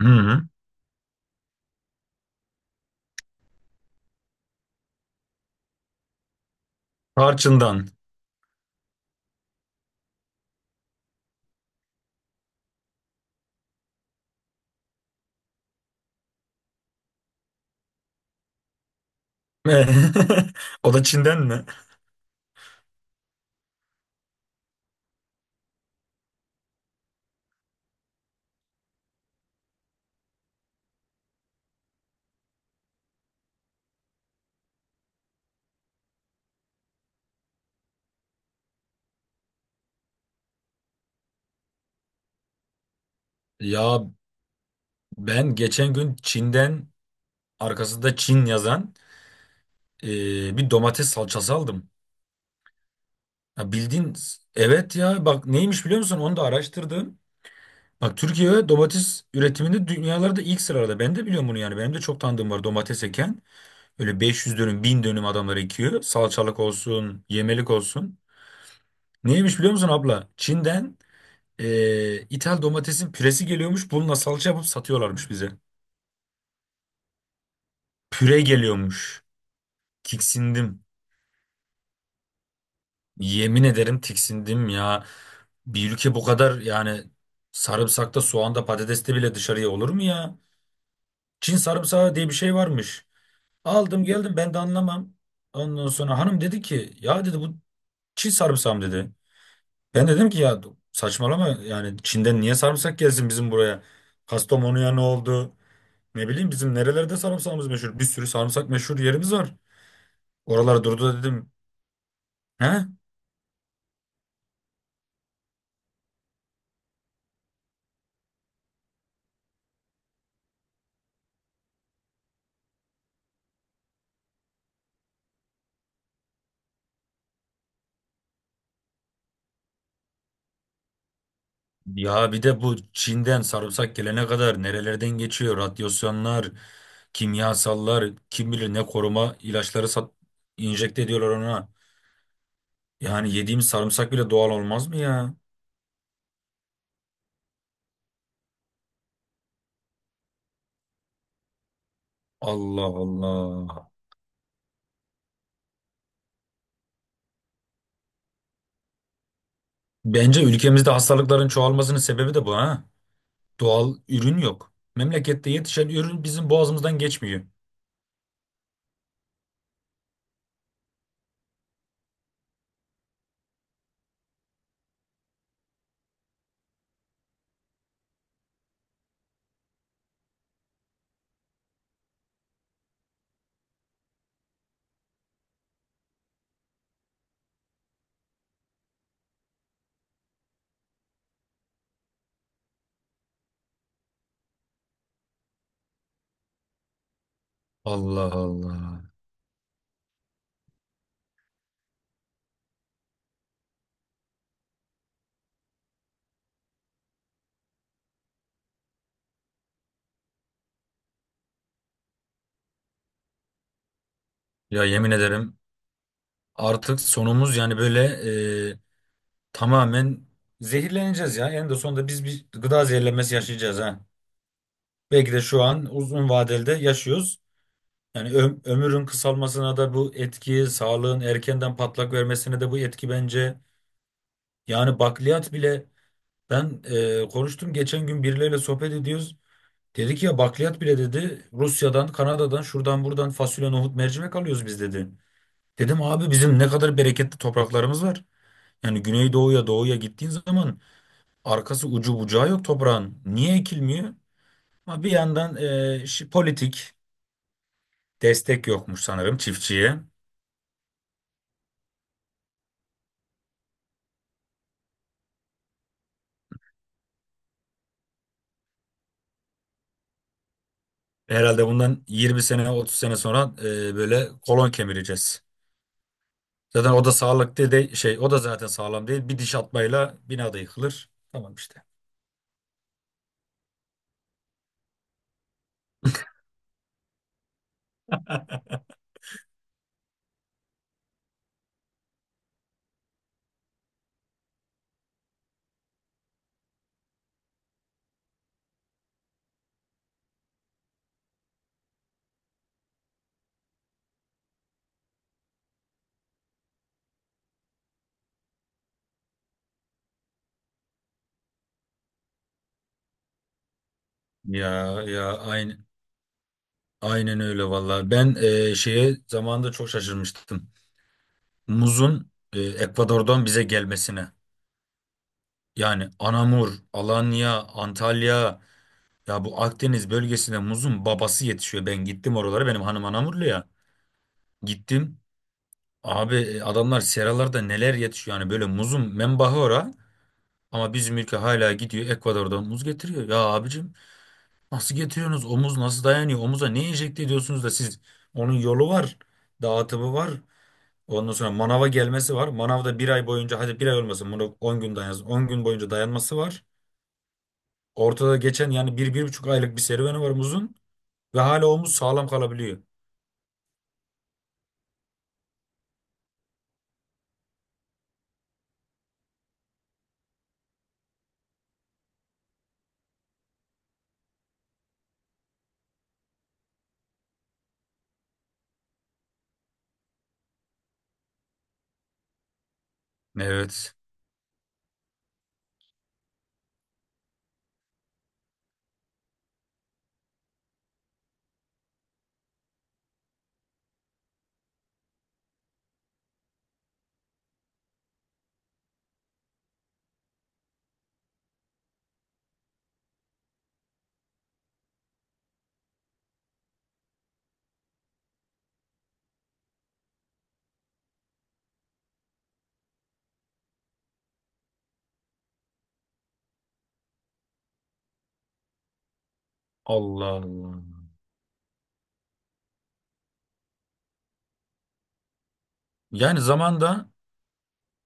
Hı hı. Tarçın'dan. O da Çin'den mi? Ya ben geçen gün Çin'den arkasında Çin yazan e, bir domates salçası aldım. Ya bildiğin evet ya bak neymiş biliyor musun? Onu da araştırdım. Bak Türkiye domates üretiminde dünyalarda ilk sırada. Ben de biliyorum bunu yani. Benim de çok tanıdığım var domates eken. Öyle 500 dönüm, 1000 dönüm adamlar ekiyor. Salçalık olsun, yemelik olsun. Neymiş biliyor musun abla? Çin'den, İthal domatesin püresi geliyormuş. Bununla salça yapıp satıyorlarmış bize. Püre geliyormuş. Tiksindim. Yemin ederim tiksindim ya. Bir ülke bu kadar yani sarımsakta, soğanda, patateste bile dışarıya olur mu ya? Çin sarımsağı diye bir şey varmış. Aldım geldim ben de anlamam. Ondan sonra hanım dedi ki ya dedi bu Çin sarımsağı mı dedi. Ben dedim ki ya saçmalama yani Çin'den niye sarımsak gelsin bizim buraya? Kastamonu'ya ne oldu? Ne bileyim bizim nerelerde sarımsağımız meşhur. Bir sürü sarımsak meşhur yerimiz var. Oralara durdu da dedim. He? Ya bir de bu Çin'den sarımsak gelene kadar nerelerden geçiyor? Radyasyonlar, kimyasallar, kim bilir ne koruma ilaçları sat, enjekte ediyorlar ona. Yani yediğimiz sarımsak bile doğal olmaz mı ya? Allah Allah. Bence ülkemizde hastalıkların çoğalmasının sebebi de bu ha. Doğal ürün yok. Memlekette yetişen ürün bizim boğazımızdan geçmiyor. Allah Allah. Ya yemin ederim. Artık sonumuz yani böyle, e, tamamen zehirleneceğiz ya. En de sonunda biz bir gıda zehirlenmesi yaşayacağız ha. Belki de şu an uzun vadelde yaşıyoruz. Yani ömrün kısalmasına da bu etki, sağlığın erkenden patlak vermesine de bu etki bence. Yani bakliyat bile ben konuştum geçen gün birileriyle sohbet ediyoruz. Dedi ki ya bakliyat bile dedi Rusya'dan, Kanada'dan, şuradan buradan fasulye, nohut, mercimek alıyoruz biz dedi. Dedim abi bizim ne kadar bereketli topraklarımız var. Yani güneydoğuya doğuya gittiğin zaman arkası ucu bucağı yok toprağın. Niye ekilmiyor? Ama bir yandan politik destek yokmuş sanırım çiftçiye. Herhalde bundan 20 sene 30 sene sonra böyle kolon kemireceğiz. Zaten o da sağlıklı değil şey o da zaten sağlam değil. Bir diş atmayla bina da yıkılır. Tamam işte. Ya ya aynen öyle vallahi. Ben şeye zamanında çok şaşırmıştım. Muzun Ekvador'dan bize gelmesine. Yani Anamur, Alanya, Antalya, ya bu Akdeniz bölgesine muzun babası yetişiyor. Ben gittim oralara, benim hanım Anamurlu ya. Gittim. Abi adamlar seralarda neler yetişiyor, yani böyle muzun menbahı ora. Ama bizim ülke hala gidiyor Ekvador'dan muz getiriyor. Ya abicim nasıl getiriyorsunuz? O muz nasıl dayanıyor? Omuza ne enjekte ediyorsunuz da siz? Onun yolu var. Dağıtımı var. Ondan sonra manava gelmesi var. Manavda bir ay boyunca, hadi bir ay olmasın, bunu 10 gün dayansın. 10 gün boyunca dayanması var. Ortada geçen yani bir, bir buçuk aylık bir serüveni var muzun ve hala omuz sağlam kalabiliyor. Evet. Allah Allah. Yani zamanda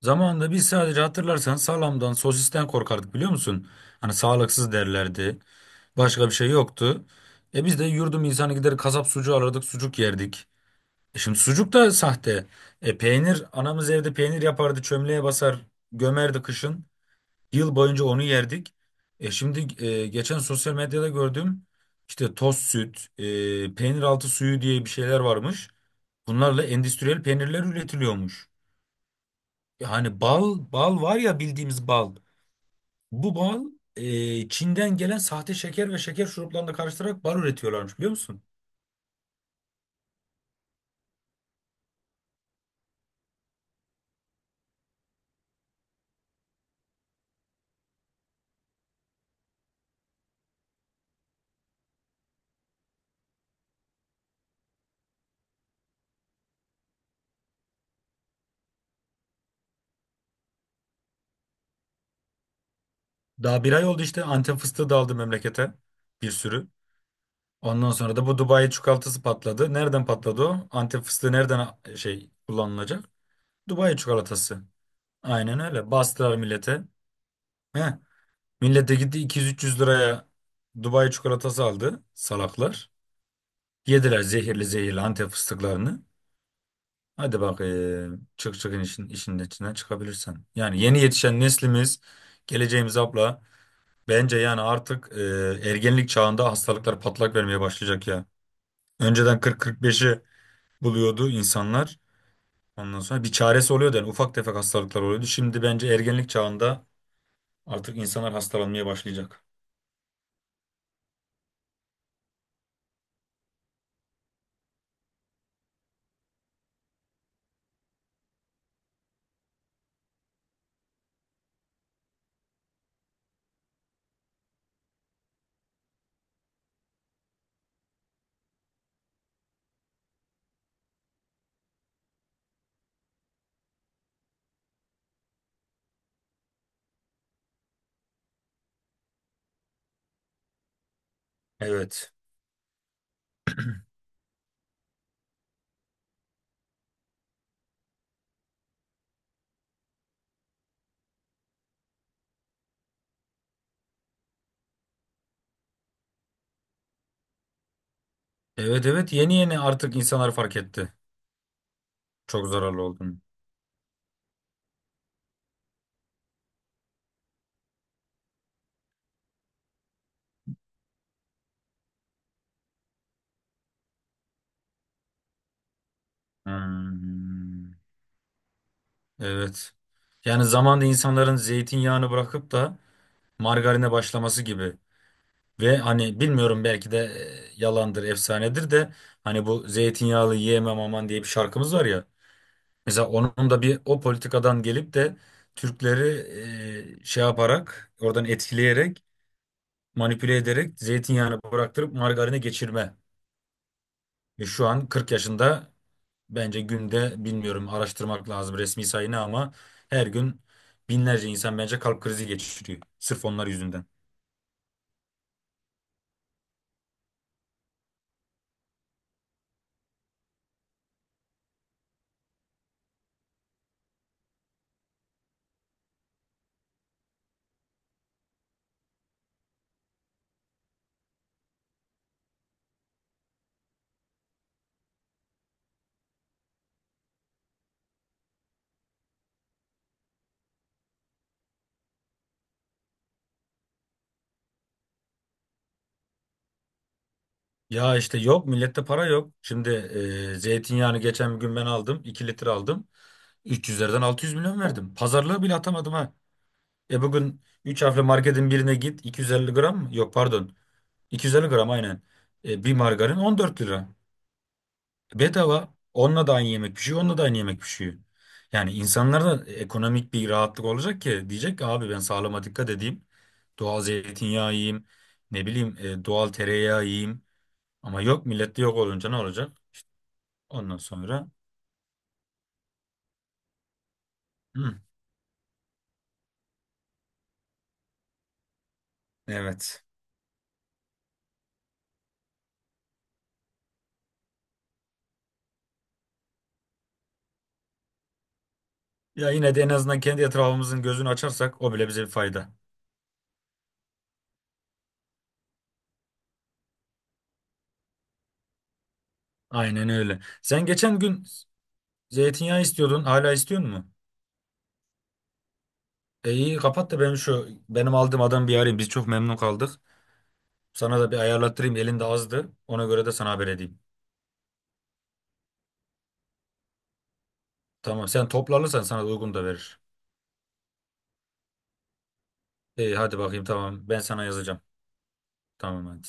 zamanda biz sadece hatırlarsan salamdan, sosisten korkardık biliyor musun? Hani sağlıksız derlerdi. Başka bir şey yoktu. E biz de yurdum insanı gider kasap sucuğu alırdık, sucuk yerdik. E şimdi sucuk da sahte. E peynir, anamız evde peynir yapardı, çömleğe basar, gömerdi kışın. Yıl boyunca onu yerdik. E şimdi geçen sosyal medyada gördüm. İşte toz süt, peynir altı suyu diye bir şeyler varmış. Bunlarla endüstriyel peynirler üretiliyormuş. Yani bal, bal var ya bildiğimiz bal. Bu bal Çin'den gelen sahte şeker ve şeker şuruplarını karıştırarak bal üretiyorlarmış biliyor musun? Daha bir ay oldu işte, Antep fıstığı da aldı memlekete. Bir sürü. Ondan sonra da bu Dubai çikolatası patladı. Nereden patladı o? Antep fıstığı nereden şey kullanılacak? Dubai çikolatası. Aynen öyle. Bastılar millete. Heh. Millet de gitti 200-300 liraya Dubai çikolatası aldı salaklar. Yediler zehirli zehirli Antep fıstıklarını. Hadi bak, çıkın işin içinden çıkabilirsen. Yani yeni yetişen neslimiz, geleceğimiz abla. Bence yani artık ergenlik çağında hastalıklar patlak vermeye başlayacak ya. Önceden 40-45'i buluyordu insanlar. Ondan sonra bir çaresi oluyordu yani, ufak tefek hastalıklar oluyordu. Şimdi bence ergenlik çağında artık insanlar hastalanmaya başlayacak. Evet. Evet, evet, yeni yeni artık insanlar fark etti. Çok zararlı olduğunu. Hmm. Evet. Yani zamanda insanların zeytinyağını bırakıp da margarine başlaması gibi. Ve hani bilmiyorum, belki de yalandır, efsanedir de, hani bu zeytinyağlı yiyemem aman diye bir şarkımız var ya. Mesela onun da bir o politikadan gelip de Türkleri şey yaparak, oradan etkileyerek, manipüle ederek zeytinyağını bıraktırıp margarine geçirme. Ve şu an 40 yaşında. Bence günde, bilmiyorum araştırmak lazım resmi sayını ama, her gün binlerce insan bence kalp krizi geçiriyor. Sırf onlar yüzünden. Ya işte yok, millette para yok. Şimdi zeytinyağını geçen gün ben aldım. 2 litre aldım. 300'lerden 600 milyon verdim. Pazarlığı bile atamadım ha. E bugün 3 harfli marketin birine git, 250 gram mı? Yok pardon. 250 gram aynen. E, bir margarin 14 lira. Bedava. Onunla da aynı yemek pişiyor, onunla da aynı yemek pişiyor. Yani insanlara da ekonomik bir rahatlık olacak ki diyecek ki abi ben sağlığıma dikkat edeyim. Doğal zeytinyağı yiyeyim. Ne bileyim doğal tereyağı yiyeyim. Ama yok, millette yok olunca ne olacak? Ondan sonra hı, evet. Ya yine de en azından kendi etrafımızın gözünü açarsak o bile bize bir fayda. Aynen öyle. Sen geçen gün zeytinyağı istiyordun. Hala istiyor musun? E iyi, kapat da ben şu benim aldığım adam bir arayayım. Biz çok memnun kaldık. Sana da bir ayarlattırayım. Elinde azdı. Ona göre de sana haber edeyim. Tamam. Sen toplanırsan sana da uygun da verir. İyi hadi bakayım, tamam. Ben sana yazacağım. Tamam hadi.